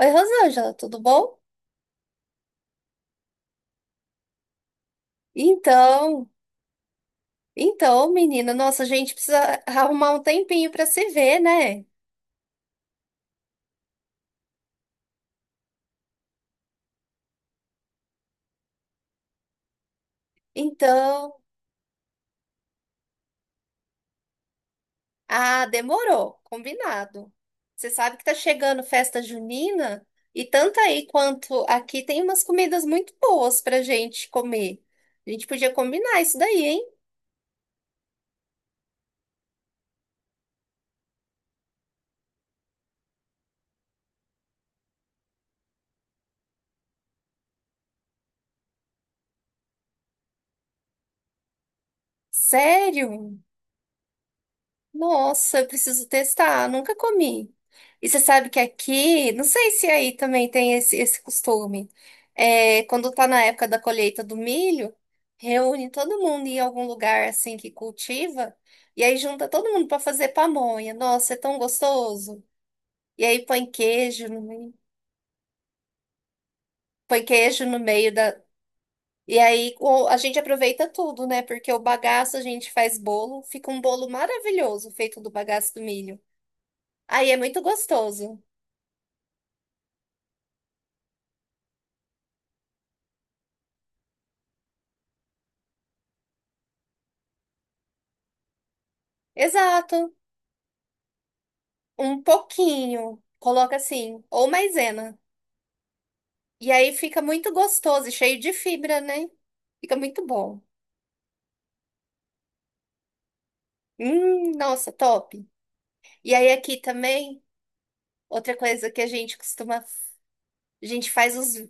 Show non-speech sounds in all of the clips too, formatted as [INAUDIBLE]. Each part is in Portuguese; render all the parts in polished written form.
Oi, Rosângela, tudo bom? Então, menina, nossa, a gente precisa arrumar um tempinho para se ver, né? Então, ah, demorou, combinado. Você sabe que tá chegando festa junina e tanto aí quanto aqui tem umas comidas muito boas pra gente comer. A gente podia combinar isso daí, hein? Sério? Nossa, eu preciso testar. Nunca comi. E você sabe que aqui, não sei se aí também tem esse costume. É, quando tá na época da colheita do milho, reúne todo mundo em algum lugar assim que cultiva e aí junta todo mundo para fazer pamonha. Nossa, é tão gostoso. E aí põe queijo no meio, põe queijo no meio da. E aí a gente aproveita tudo, né? Porque o bagaço a gente faz bolo, fica um bolo maravilhoso feito do bagaço do milho. Aí é muito gostoso. Exato. Um pouquinho. Coloca assim, ou maisena. E aí fica muito gostoso e cheio de fibra, né? Fica muito bom. Nossa, top. E aí aqui também, outra coisa que a gente costuma, a gente faz os,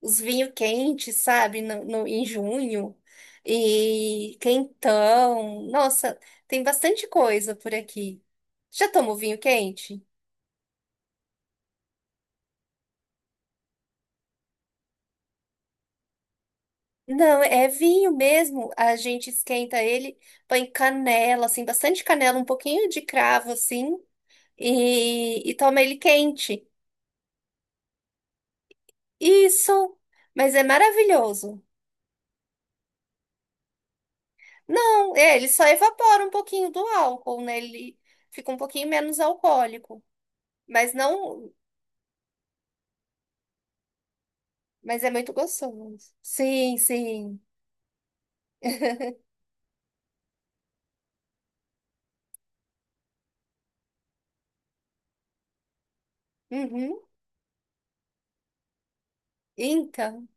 os vinhos quentes, sabe? Em junho. E quentão. Nossa, tem bastante coisa por aqui. Já tomou vinho quente? Não, é vinho mesmo. A gente esquenta ele, põe canela, assim, bastante canela, um pouquinho de cravo, assim, e toma ele quente. Isso, mas é maravilhoso. Não, é, ele só evapora um pouquinho do álcool, né? Ele fica um pouquinho menos alcoólico, mas não, mas é muito gostoso. Sim, sim. Uhum. Então,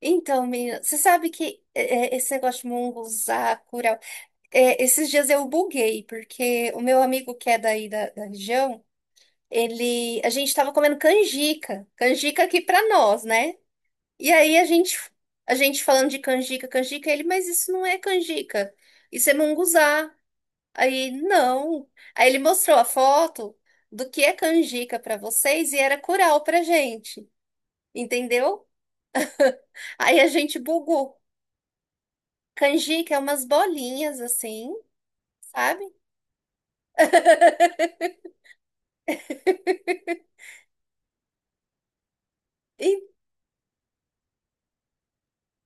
menina, você sabe que esse negócio de munguzá, curau. É, esses dias eu buguei, porque o meu amigo que é daí da região, ele, a gente tava comendo canjica, canjica aqui pra nós, né? E aí a gente falando de canjica, canjica, ele, mas isso não é canjica, isso é munguzá. Aí, não. Aí ele mostrou a foto do que é canjica pra vocês e era curau pra gente, entendeu? Aí a gente bugou. Canjica é umas bolinhas assim, sabe? [LAUGHS] E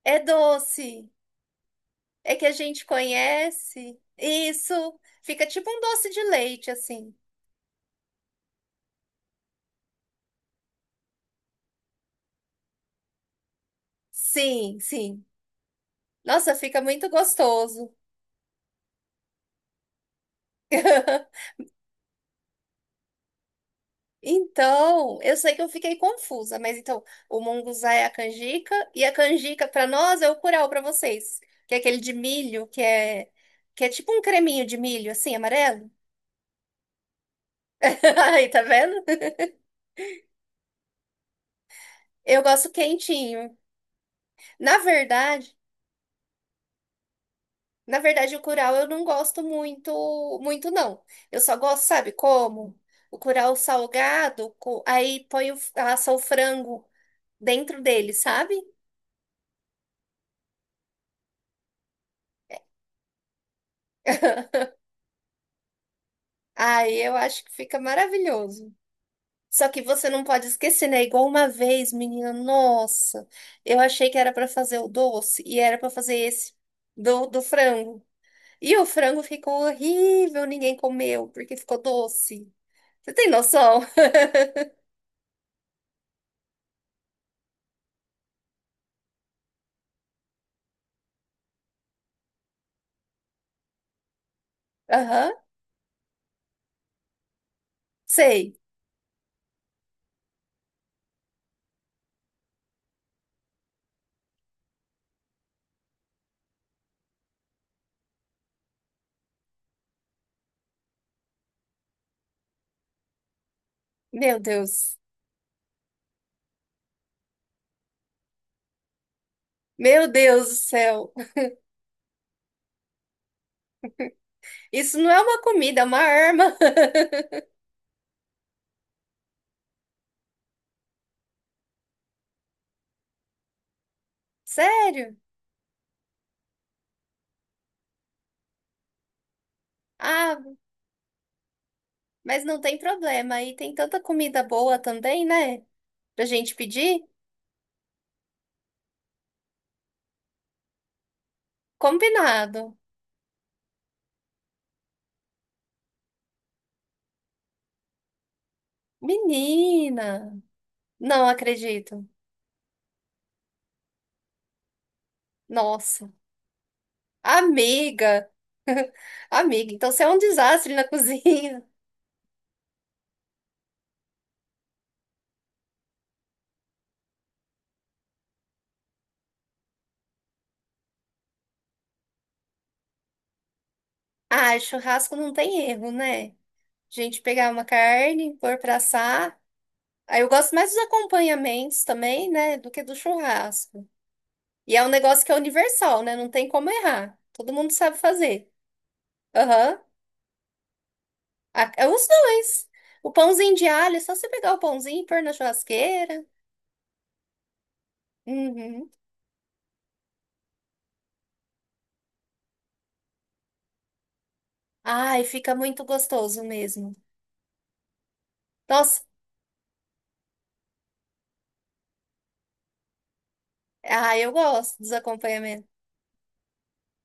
é doce. É que a gente conhece. Isso. Fica tipo um doce de leite, assim. Sim, sim. Nossa, fica muito gostoso. [LAUGHS] Então, eu sei que eu fiquei confusa, mas então, o monguzá é a canjica e a canjica para nós é o curau para vocês, que é aquele de milho, que é tipo um creminho de milho assim, amarelo. [LAUGHS] Aí, tá vendo? Eu gosto quentinho. Na verdade, Na verdade, o curau eu não gosto muito, muito não. Eu só gosto, sabe como? O curau salgado, aí põe o, assa o frango dentro dele, sabe? Aí eu acho que fica maravilhoso. Só que você não pode esquecer, né? Igual uma vez, menina, nossa, eu achei que era para fazer o doce e era para fazer esse do frango. E o frango ficou horrível, ninguém comeu porque ficou doce. Você tem noção? [LAUGHS] Aham, sei. Meu Deus. Meu Deus do céu. [LAUGHS] Isso não é uma comida, é uma arma. [LAUGHS] Sério? Ah, mas não tem problema. Aí tem tanta comida boa também, né? Pra gente pedir? Combinado. Menina, não acredito. Nossa, amiga. [LAUGHS] Amiga, então você é um desastre na [LAUGHS] cozinha. Ah, churrasco não tem erro, né? A gente pegar uma carne, pôr pra assar. Aí eu gosto mais dos acompanhamentos também, né? Do que do churrasco. E é um negócio que é universal, né? Não tem como errar. Todo mundo sabe fazer. Aham. É os dois. O pãozinho de alho, é só você pegar o pãozinho e pôr na churrasqueira. Uhum. Ai, fica muito gostoso mesmo. Nossa, ah, eu gosto dos acompanhamentos.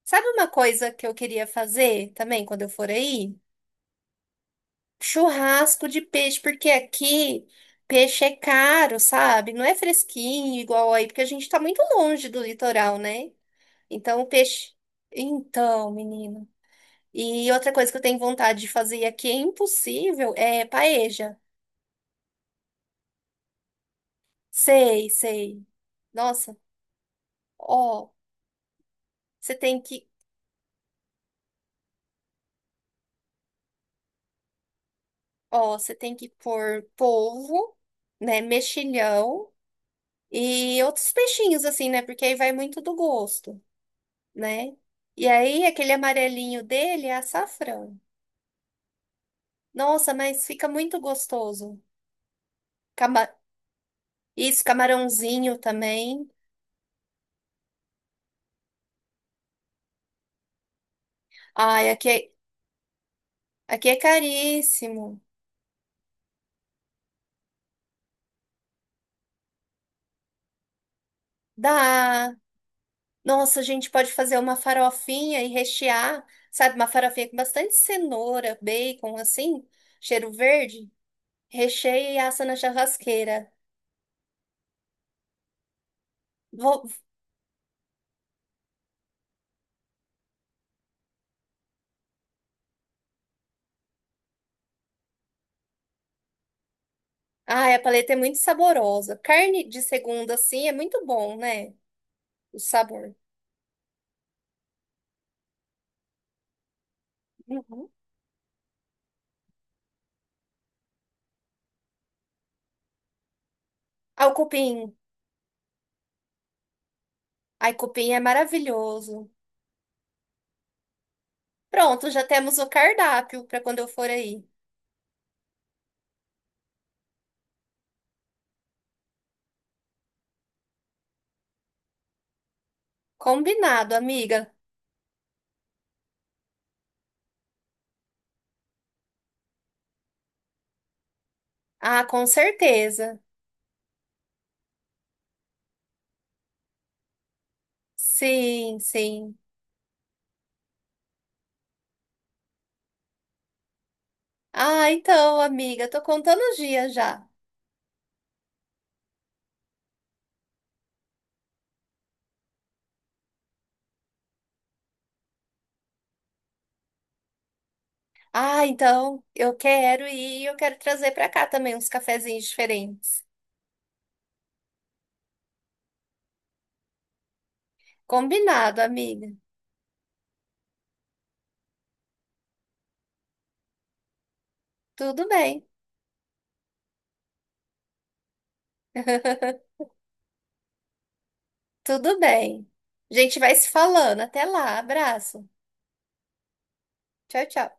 Sabe uma coisa que eu queria fazer também quando eu for aí? Churrasco de peixe, porque aqui peixe é caro, sabe? Não é fresquinho igual aí, porque a gente tá muito longe do litoral, né? Então, o peixe. Então, menino. E outra coisa que eu tenho vontade de fazer e aqui é impossível é paeja. Sei, sei. Nossa, ó, você tem que, ó, você tem que pôr polvo, né, mexilhão e outros peixinhos assim, né? Porque aí vai muito do gosto, né? E aí aquele amarelinho dele é açafrão. Nossa, mas fica muito gostoso. Cama... Isso, camarãozinho também. Ai, aqui é. Aqui é caríssimo. Dá. Nossa, a gente pode fazer uma farofinha e rechear, sabe? Uma farofinha com bastante cenoura, bacon, assim, cheiro verde. Recheia e assa na churrasqueira. Vou... Ai, a paleta é muito saborosa. Carne de segunda, assim, é muito bom, né? O sabor. Uhum. Ah, o cupim. Ai, cupim é maravilhoso. Pronto, já temos o cardápio para quando eu for aí. Combinado, amiga. Ah, com certeza. Sim, sim. Ah, então, amiga, tô contando os dias já. Ah, então, eu quero ir, e eu quero trazer pra cá também uns cafezinhos diferentes. Combinado, amiga. Tudo bem. [LAUGHS] Tudo bem. A gente vai se falando. Até lá. Abraço. Tchau, tchau.